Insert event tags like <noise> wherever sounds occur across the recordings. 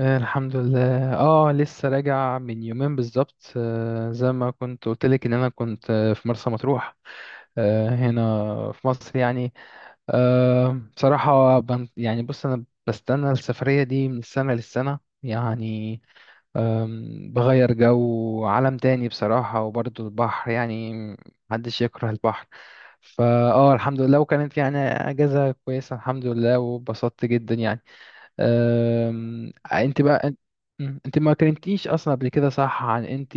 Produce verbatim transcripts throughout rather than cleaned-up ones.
آه، الحمد لله، اه لسه راجع من يومين بالظبط، آه، زي ما كنت قلت لك ان انا كنت آه، في مرسى مطروح. آه، هنا في مصر يعني. آه، بصراحة، بن- يعني بص، انا بستنى السفرية دي من السنة للسنة يعني. آم، بغير جو عالم تاني بصراحة، وبرضه البحر يعني. محدش يكره البحر. فاه الحمد لله، وكانت يعني اجازة كويسة، الحمد لله، وبسطت جدا يعني. أم، انت بقى، انت؟ مم، انت ما كلمتنيش اصلا قبل كده، صح؟ عن انت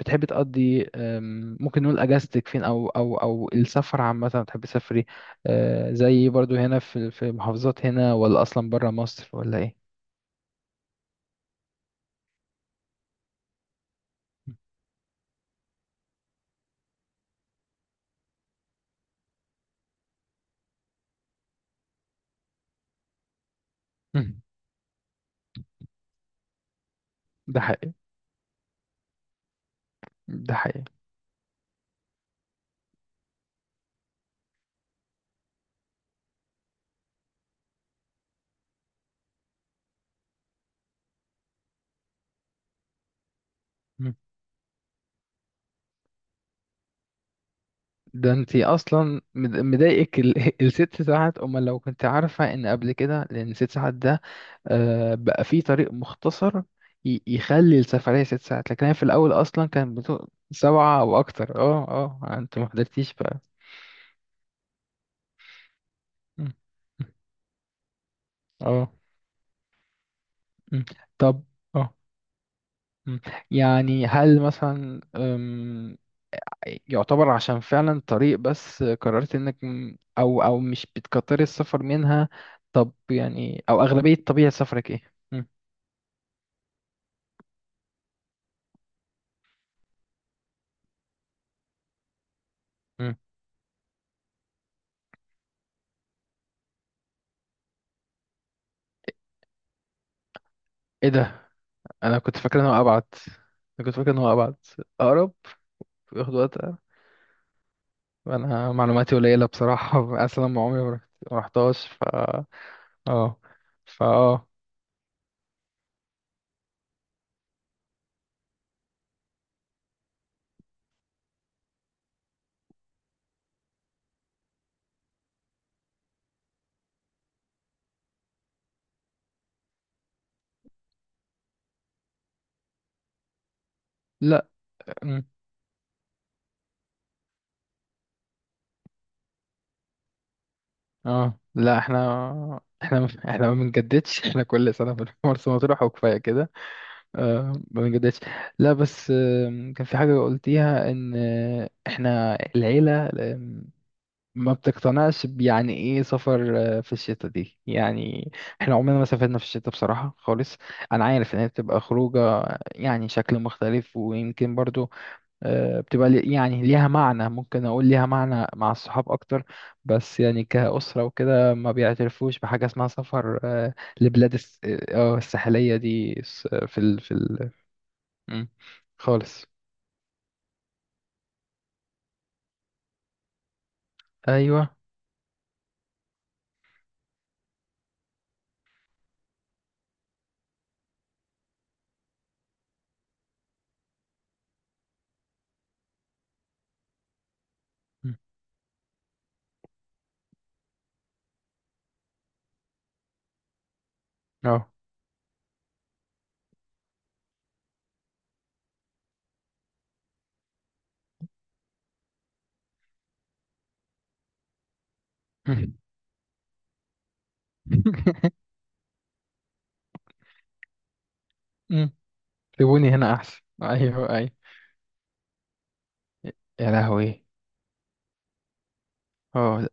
بتحبي تقضي، أم، ممكن نقول اجازتك فين، او او او السفر عامه بتحبي تسافري؟ أه، زي برضو، هنا في في محافظات هنا، ولا اصلا بره مصر، ولا ايه؟ مم، ده حقيقي. ده حقيقي. مم. ده انت اصلا مد- مضايقك ال- <laughs> الست ساعات، امال لو كنت عارفه ان قبل كده، لان ست ساعات ده. آه، بقى في طريق مختصر ي- يخلي السفرية ست ساعات، لكن هي في الأول أصلا كان بتو... سبعة أو أكتر. اه اه أنت ما حضرتيش بقى. م. اه. م. طب. اه. م. يعني هل مثلا، أم، يعتبر عشان فعلا طريق، بس قررت انك م- او او مش بتكتري السفر منها؟ طب يعني، او اغلبية طبيعة سفرك ايه؟ م. م. ايه ده؟ انا كنت فاكر ان هو ابعد. انا كنت فاكر ان هو ابعد. اقرب. ياخد وقت. انا معلوماتي قليله بصراحه، <laughs> اصلا ما عمري ما رحت- ما رحتهاش، ف... اه. فا اه. لا. أمم. اه، لا، احنا احنا ما- احنا ما بنجددش <laughs> احنا كل سنه بنروح مرسى مطروح، وكفايه كده. آه، ما بنجددش. لا، بس. آم، كان في حاجه قلتيها، ان آه، احنا العيله ما بتقتنعش، يعني ايه سفر آه، في الشتاء دي يعني. احنا عمرنا ما سافرنا في الشتاء بصراحة خالص. انا عارف ان هي بتبقى خروجة، آه، يعني شكل مختلف، ويمكن برضو آه، بتبقى لي- يعني ليها معنى، ممكن اقول ليها معنى مع الصحاب اكتر. بس يعني كأسرة وكده ما بيعترفوش بحاجة اسمها سفر، آه، لبلاد الس- آه، آه، الساحلية دي، س- في ال، في ال... مم. خالص. ايوه. مم. اه. مم. <laughs> مم. سيبوني هنا احسن، ايوه ايوه. يا لهوي. اه.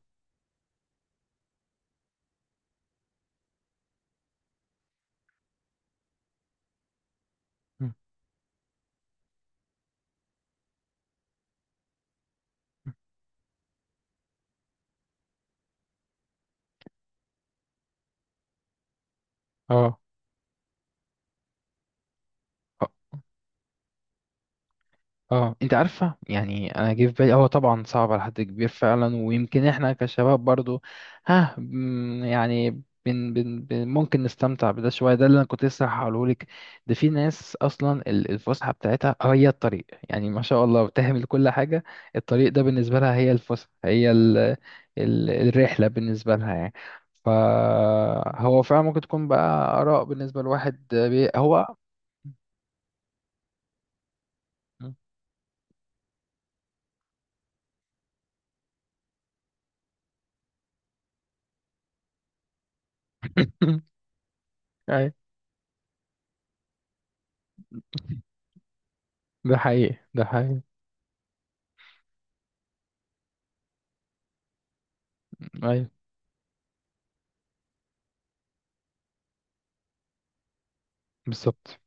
اه. آه. اه، انت عارفه، يعني انا جه في بالي هو طبعا صعب على حد كبير فعلا، ويمكن احنا كشباب برضو، ها مم، يعني بن بن بن ممكن نستمتع بده شويه. ده اللي انا كنت لسه هقوله لك. ده في ناس اصلا ال- الفسحه بتاعتها هي الطريق، يعني ما شاء الله بتهمل كل حاجه. الطريق ده بالنسبه لها هي الفسحه، هي ال ال الرحله بالنسبه لها يعني. فهو فعلا ممكن تكون بقى اراء بالنسبه لواحد، بي- هو. <laughs> أي. ده حقيقي. ده حقيقي. ايوه بالظبط.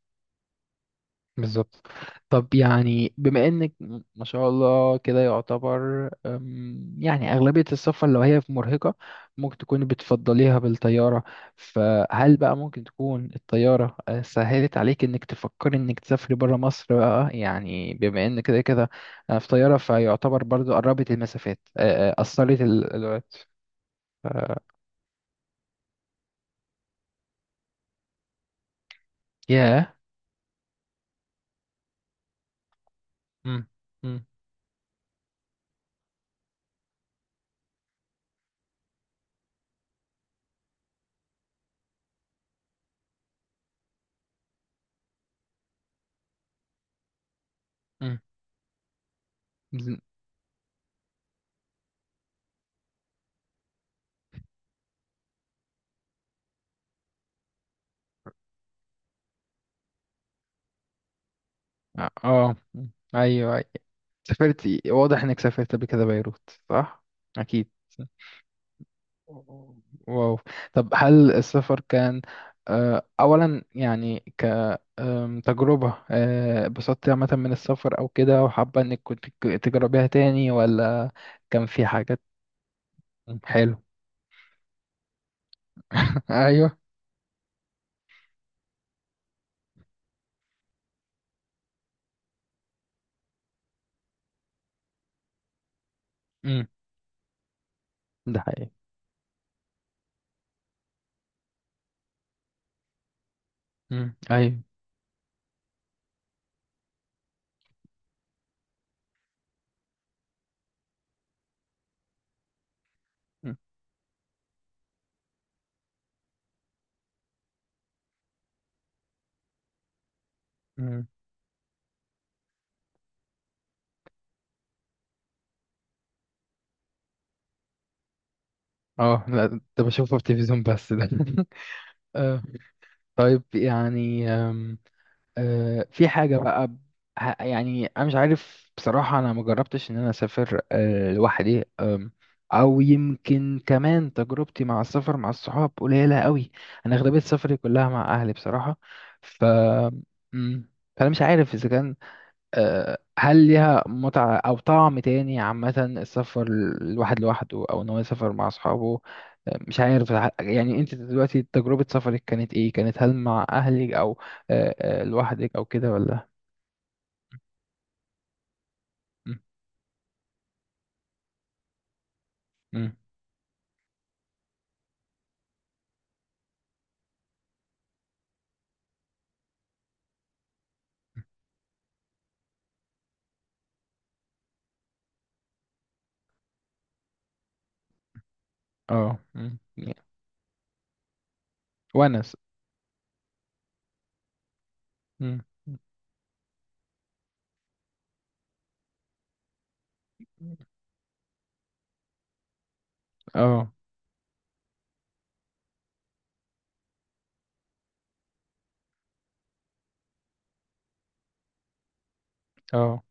بالظبط. طب يعني، بما انك ما شاء الله كده، يعتبر أم، يعني اغلبية السفر، لو هي في مرهقة، ممكن تكون بتفضليها بالطيارة. فهل بقى ممكن تكون الطيارة آه، سهلت عليك انك تفكري انك تسافري برا مصر بقى، يعني بما ان كده كده آه، في طيارة، فيعتبر برضو قربت المسافات آه، آه، اثرت ال... ال... ياه. مم. مم. مم. اه. مم. ايوه. سافرتي، واضح انك سافرت قبل كده بيروت، صح؟ اكيد. واو. طب هل السفر كان آه، اولا يعني، ك آم، تجربة آه، اتبسطتي عامة من السفر، او كده، وحابة انك كنت ك- تجربيها تاني، ولا كان في حاجات؟ مم، حلو. <laughs> ايوه. امم. ده حقيقي. امم. ايوه. مم. مم. اه، لا، ده بشوفه في التلفزيون بس ده <laughs> آه، طيب يعني، آه، في حاجة بقى، ب- ه- يعني أنا مش عارف بصراحة، أنا ما جربتش إن أنا أسافر آه، لوحدي، آم، أو يمكن كمان تجربتي مع السفر مع الصحاب قليلة قوي. أنا أغلبية سفري كلها مع أهلي بصراحة. ف... مم، فأنا مش عارف إذا كان آه، هل ليها متعة أو طعم تاني، عامة السفر الواحد لوحده، أو إن هو يسافر مع أصحابه. آه، مش عارف، ح- يعني أنت دلوقتي تجربة سفرك كانت إيه؟ كانت هل مع أهلك، أو آه، آه، لوحدك، أو كده ولا؟ م- م. أه. م. ونس. م. أه. أه.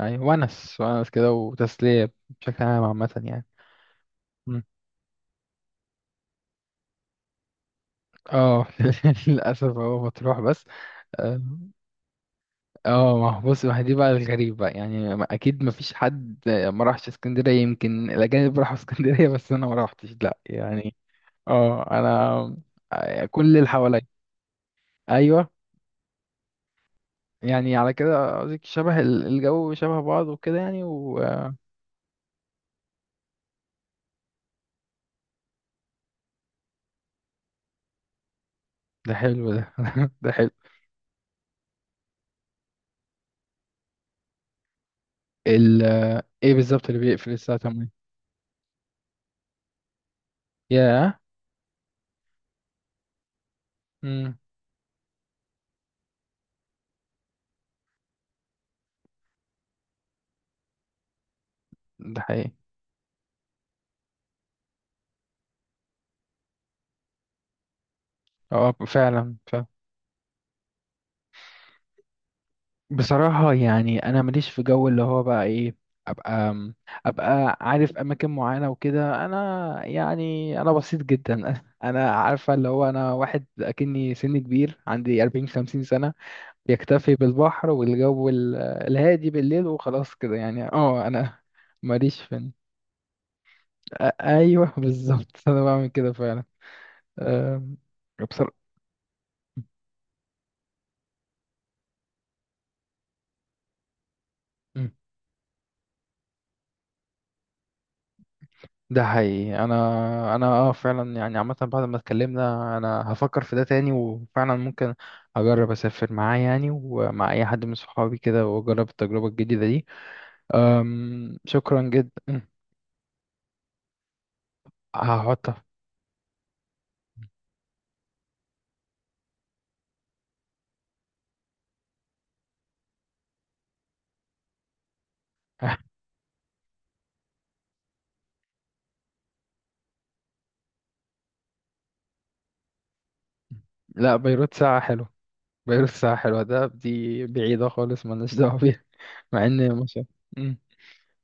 أيوة، ونس ونس كده، وتسلية بشكل عام، عامة يعني. م. أه. <laughs> للأسف هو مطروح بس. آه. اه، ما هو بص، ما هي دي بقى الغريب بقى، يعني ما- اكيد ما فيش حد ما راحش اسكندريه، يمكن الاجانب <laughs> راحوا اسكندريه بس انا ما روحتش، لا يعني. اه، انا كل اللي حواليا. ايوه. يعني على كده قصدك شبه ال- الجو شبه بعض وكده، يعني، و... ده حلو، ده <laughs> ده حلو. ال ايه بالظبط اللي بيقفل الساعه تمانية؟ ياه. امم. ده حقيقي. اه فعلا، فعلا. بصراحة يعني أنا ماليش في جو، اللي هو بقى إيه، أبقى أبقى عارف أماكن معينة وكده. أنا يعني أنا بسيط جدا، <laughs> أنا عارفة اللي هو أنا واحد أكني سني كبير، عندي أربعين خمسين سنة، يكتفي بالبحر، والجو ال- الهادي بالليل، وخلاص كده يعني. أه أنا ماليش في... أ- أيوه بالظبط، <laughs> أنا بعمل كده فعلا. أم، بصراحة ده حقيقي. انا انا اه فعلا، يعني عامه بعد ما اتكلمنا انا هفكر في ده تاني، وفعلا ممكن اجرب اسافر معاه، يعني ومع اي حد من صحابي كده، واجرب التجربه الجديده دي. أم، شكرا جدا. هحطها. <laughs> لا، بيروت ساعه حلوه. بيروت ساعه حلوه، ده دي بعيده خالص، مالناش دعوه <laughs> بيها. مع ان مش... مم.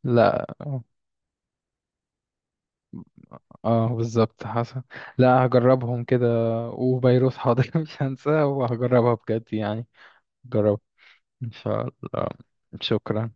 لا، اه. آه، بالظبط حصل. لا، هجربهم كده، وبيروت حاضر <laughs> مش هنساها، وهجربها بجد يعني. جربها. فلا شكرا.